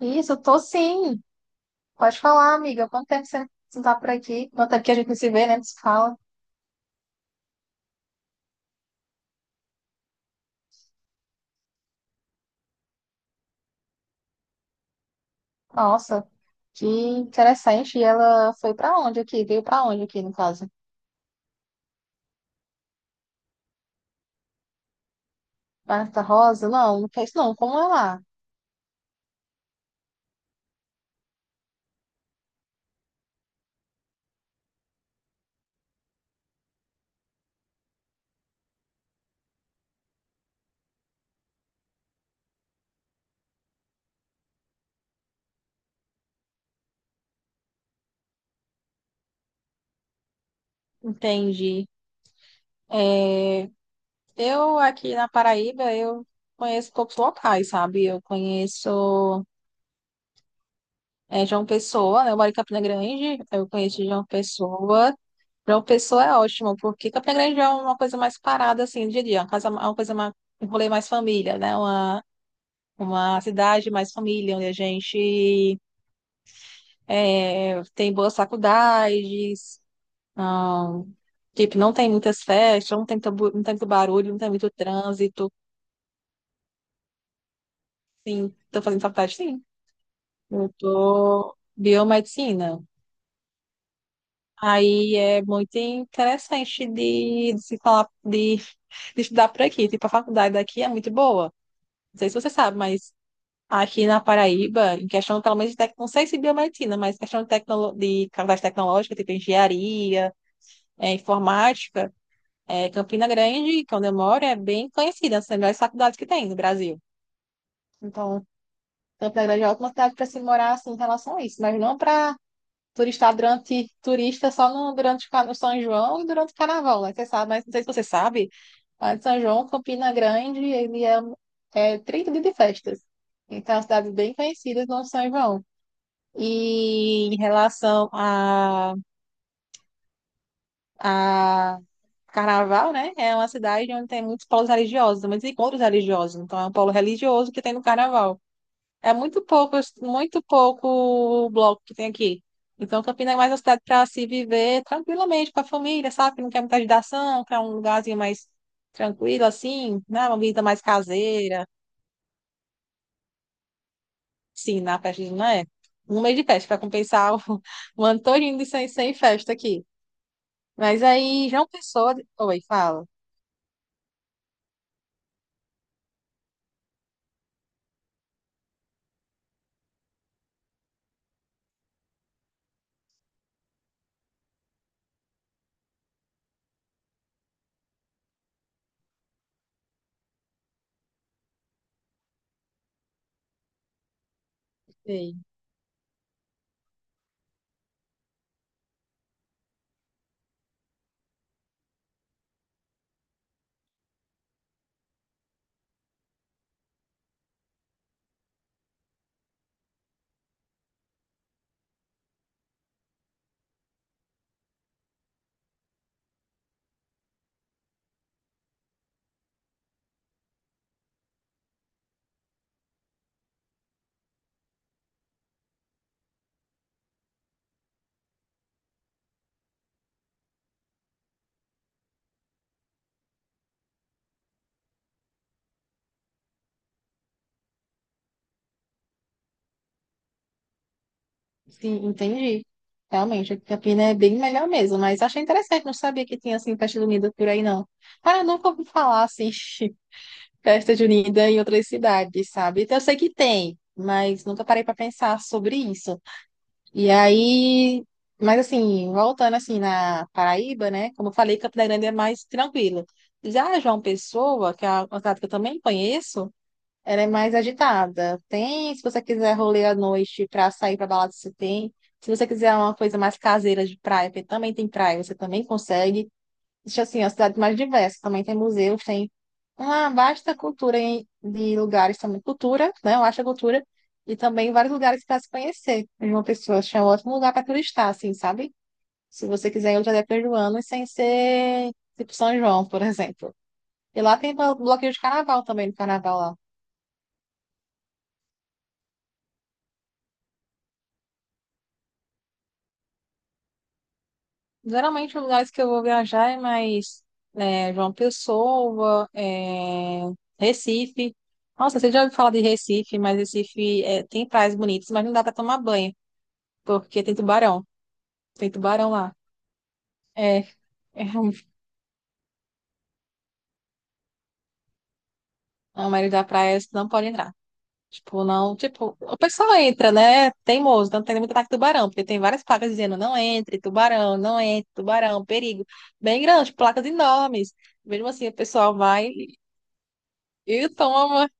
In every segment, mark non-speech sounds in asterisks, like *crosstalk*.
Isso, eu tô sim. Pode falar, amiga. Quanto tempo você não tá por aqui? Quanto tempo que a gente não se vê, né? Não se fala. Nossa, que interessante. E ela foi pra onde aqui? Veio pra onde aqui, no caso? Marta Rosa? Não, não fez não. Como é lá? Entendi. Eu aqui na Paraíba, eu conheço poucos locais, sabe? Eu conheço João Pessoa, né? Eu moro em Campina Grande. Eu conheço João Pessoa. Para o pessoa é ótimo, porque Campina Grande é uma coisa mais parada, assim, eu diria, uma casa, uma coisa mais, um rolê mais família, né? Uma cidade mais família, onde a gente tem boas faculdades, ah, tipo, não tem muitas festas, não tem muito barulho, não tem muito trânsito. Sim, estou fazendo faculdade, sim. Eu tô biomedicina. Aí é muito interessante de se falar, de estudar por aqui. Tipo, a faculdade daqui é muito boa. Não sei se você sabe, mas aqui na Paraíba, em questão, pelo menos, não sei se biomedicina, mas questão de faculdade tecnológica, tipo engenharia, informática, Campina Grande, que é onde eu moro, é bem conhecida, é uma das melhores faculdades que tem no Brasil. Então, Campina Grande é uma ótima cidade para se morar, assim, em relação a isso, mas não para turista durante turista só no São João e durante o Carnaval, né? Você sabe, mas não sei se você sabe, mas São João, Campina Grande, ele é 30 dias de festas. Então, é uma cidade bem conhecida no São João. E em relação a Carnaval, né? É uma cidade onde tem muitos polos religiosos, muitos encontros religiosos. Então, é um polo religioso que tem no Carnaval. É muito pouco o bloco que tem aqui. Então, Campinas é mais uma cidade para se viver tranquilamente com a família, sabe? Que não quer muita agitação, quer um lugarzinho mais tranquilo, assim, né? Uma vida mais caseira, sim, na festa não é? Um mês de festa para compensar o, *laughs* o ano todinho de sem festa aqui. Mas aí, João Pessoa. Oi, fala. Sei. Sim, entendi. Realmente, aqui Campina é bem melhor mesmo, mas achei interessante, não sabia que tinha assim festa junina por aí, não. Cara, eu nunca ouvi falar assim. *laughs* festa junina em outras cidades, sabe? Então, eu sei que tem, mas nunca parei para pensar sobre isso. E aí, mas assim, voltando assim na Paraíba, né? Como eu falei, Campina Grande é mais tranquilo. Já João Pessoa, que é uma cidade que eu também conheço, ela é mais agitada. Tem, se você quiser rolê à noite para sair para balada, você tem. Se você quiser uma coisa mais caseira de praia, porque também tem praia, você também consegue. Existe, assim, a cidade mais diversa. Também tem museus, tem uma vasta cultura de lugares também. Cultura, né? Eu acho a cultura. E também vários lugares para se conhecer. E uma pessoa acho é um ótimo lugar para turistar, assim, sabe? Se você quiser ir outra época do ano e sem ser tipo São João, por exemplo. E lá tem bloqueio de carnaval também, no carnaval lá. Geralmente, os lugares que eu vou viajar é mais João Pessoa, Recife. Nossa, você já ouviu falar de Recife, mas Recife tem praias bonitas, mas não dá para tomar banho, porque tem tubarão. Tem tubarão lá. É, é, um, a maioria das praias não pode entrar. Tipo, não, tipo, o pessoal entra, né? Teimoso, não tem muito ataque de tubarão, porque tem várias placas dizendo não entre, tubarão, não entre, tubarão, perigo. Bem grandes, placas enormes. Mesmo assim, o pessoal vai e toma.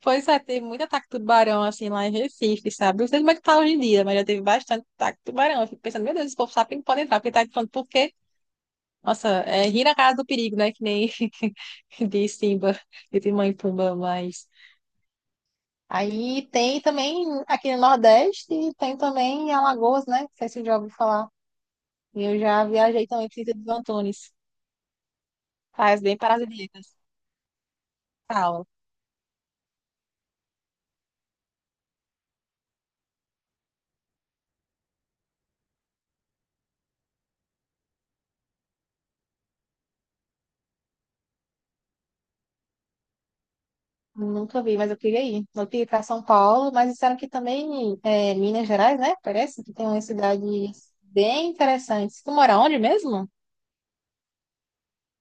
Pois é, teve muito ataque de tubarão assim lá em Recife, sabe? Não sei como é que tá hoje em dia, mas já teve bastante ataque de tubarão. Eu fico pensando, meu Deus, esse povo sabe que não pode entrar, porque tá falando, por quê? Nossa, é rir na casa do perigo, né? Que nem *laughs* de Simba, de Timão e Pumba, mas. Aí tem também aqui no Nordeste, tem também em Alagoas, né? Não sei se eu já ouvi falar. E eu já viajei também para Sítio dos Antunes. Faz bem para as ilhas. Nunca vi, mas eu queria ir. Eu queria ir para São Paulo, mas disseram que também Minas Gerais, né? Parece que tem umas cidades bem interessantes. Tu mora onde mesmo?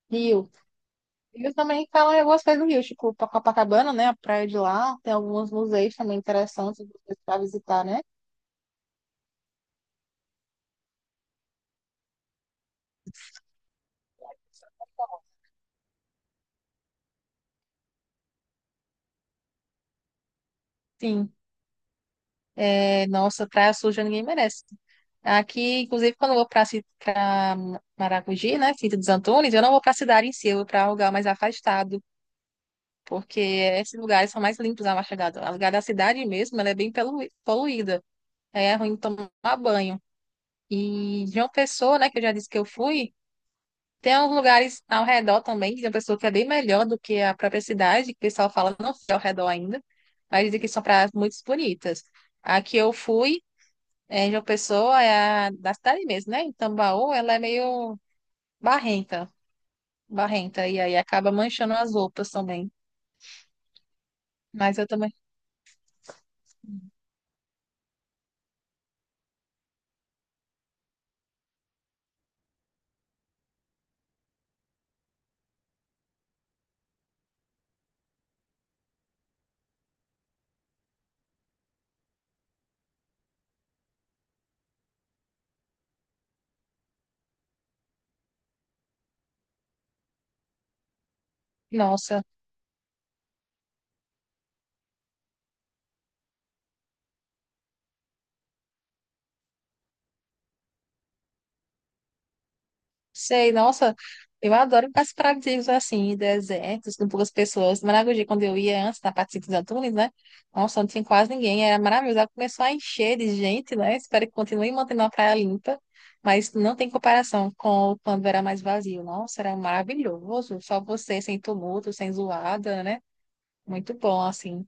Rio. Rio também falam algumas coisas do Rio, tipo Copacabana, né? A praia de lá. Tem alguns museus também interessantes para visitar, né? Sim. É, nossa, praia suja ninguém merece. Aqui, inclusive, quando eu vou para Maragogi, né? Cinto dos Antunes, eu não vou para a cidade em si, eu vou para um lugar mais afastado. Porque esses lugares são mais limpos a Machadado. A lugar da cidade mesmo, ela é bem poluída, aí é ruim tomar banho. E de uma pessoa, né, que eu já disse que eu fui, tem alguns lugares ao redor também, de uma pessoa que é bem melhor do que a própria cidade, que o pessoal fala, não fui ao redor ainda, mas dizem que são praias muito bonitas. A que eu fui, de uma pessoa, é a da cidade mesmo, né, em Tambaú, ela é meio barrenta, barrenta, e aí acaba manchando as roupas também. Mas eu também, nossa. Sei, nossa, eu adoro lugares paradisíacos assim, desertos, com poucas pessoas. Maragogi, quando eu ia antes, na parte de Santos Antunes, né? Nossa, não tinha quase ninguém, era maravilhoso. Ela começou a encher de gente, né? Espero que continue mantendo a praia limpa, mas não tem comparação com quando era mais vazio. Nossa, era maravilhoso, só você, sem tumulto, sem zoada, né? Muito bom, assim.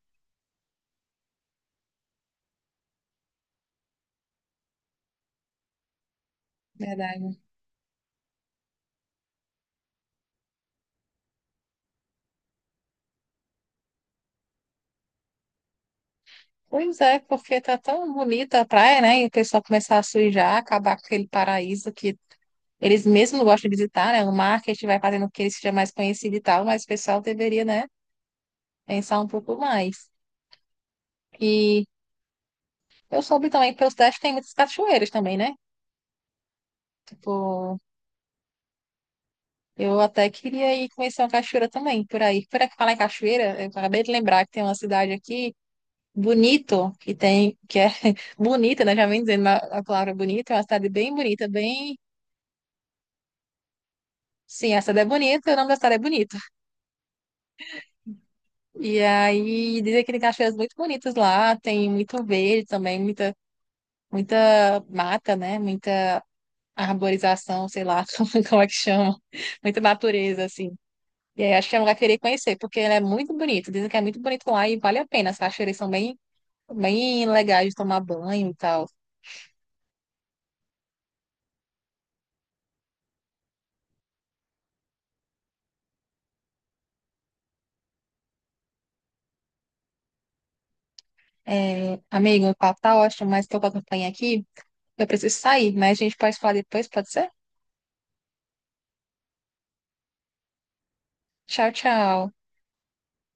Verdade. Pois é, porque tá tão bonita a praia, né? E o pessoal começar a sujar, acabar com aquele paraíso que eles mesmo gostam de visitar, né? O marketing vai fazendo com que ele seja mais conhecido e tal, mas o pessoal deveria, né, pensar um pouco mais. E eu soube também que pela cidade tem muitas cachoeiras também, né? Tipo, eu até queria ir conhecer uma cachoeira também, por aí. Por aqui falar em cachoeira, eu acabei de lembrar que tem uma cidade aqui, Bonito, que tem, que é *laughs* bonita, né? Já vem dizendo a palavra bonita, é uma cidade bem bonita, bem. Sim, a cidade é bonita, o nome da cidade é Bonito. E aí dizem que tem cachoeiras muito bonitas lá, tem muito verde também, muita mata, né? Muita arborização, sei lá *laughs* como é que chama. Muita natureza, assim. E aí acho que é um lugar que eu queria conhecer, porque ele é muito bonito. Dizem que é muito bonito lá e vale a pena. As cachoeiras são bem, bem legais de tomar banho e tal. É, amigo, o papo tá ótimo, mas tô com a campanha aqui. Eu preciso sair, mas a gente pode falar depois, pode ser? Tchau, tchau.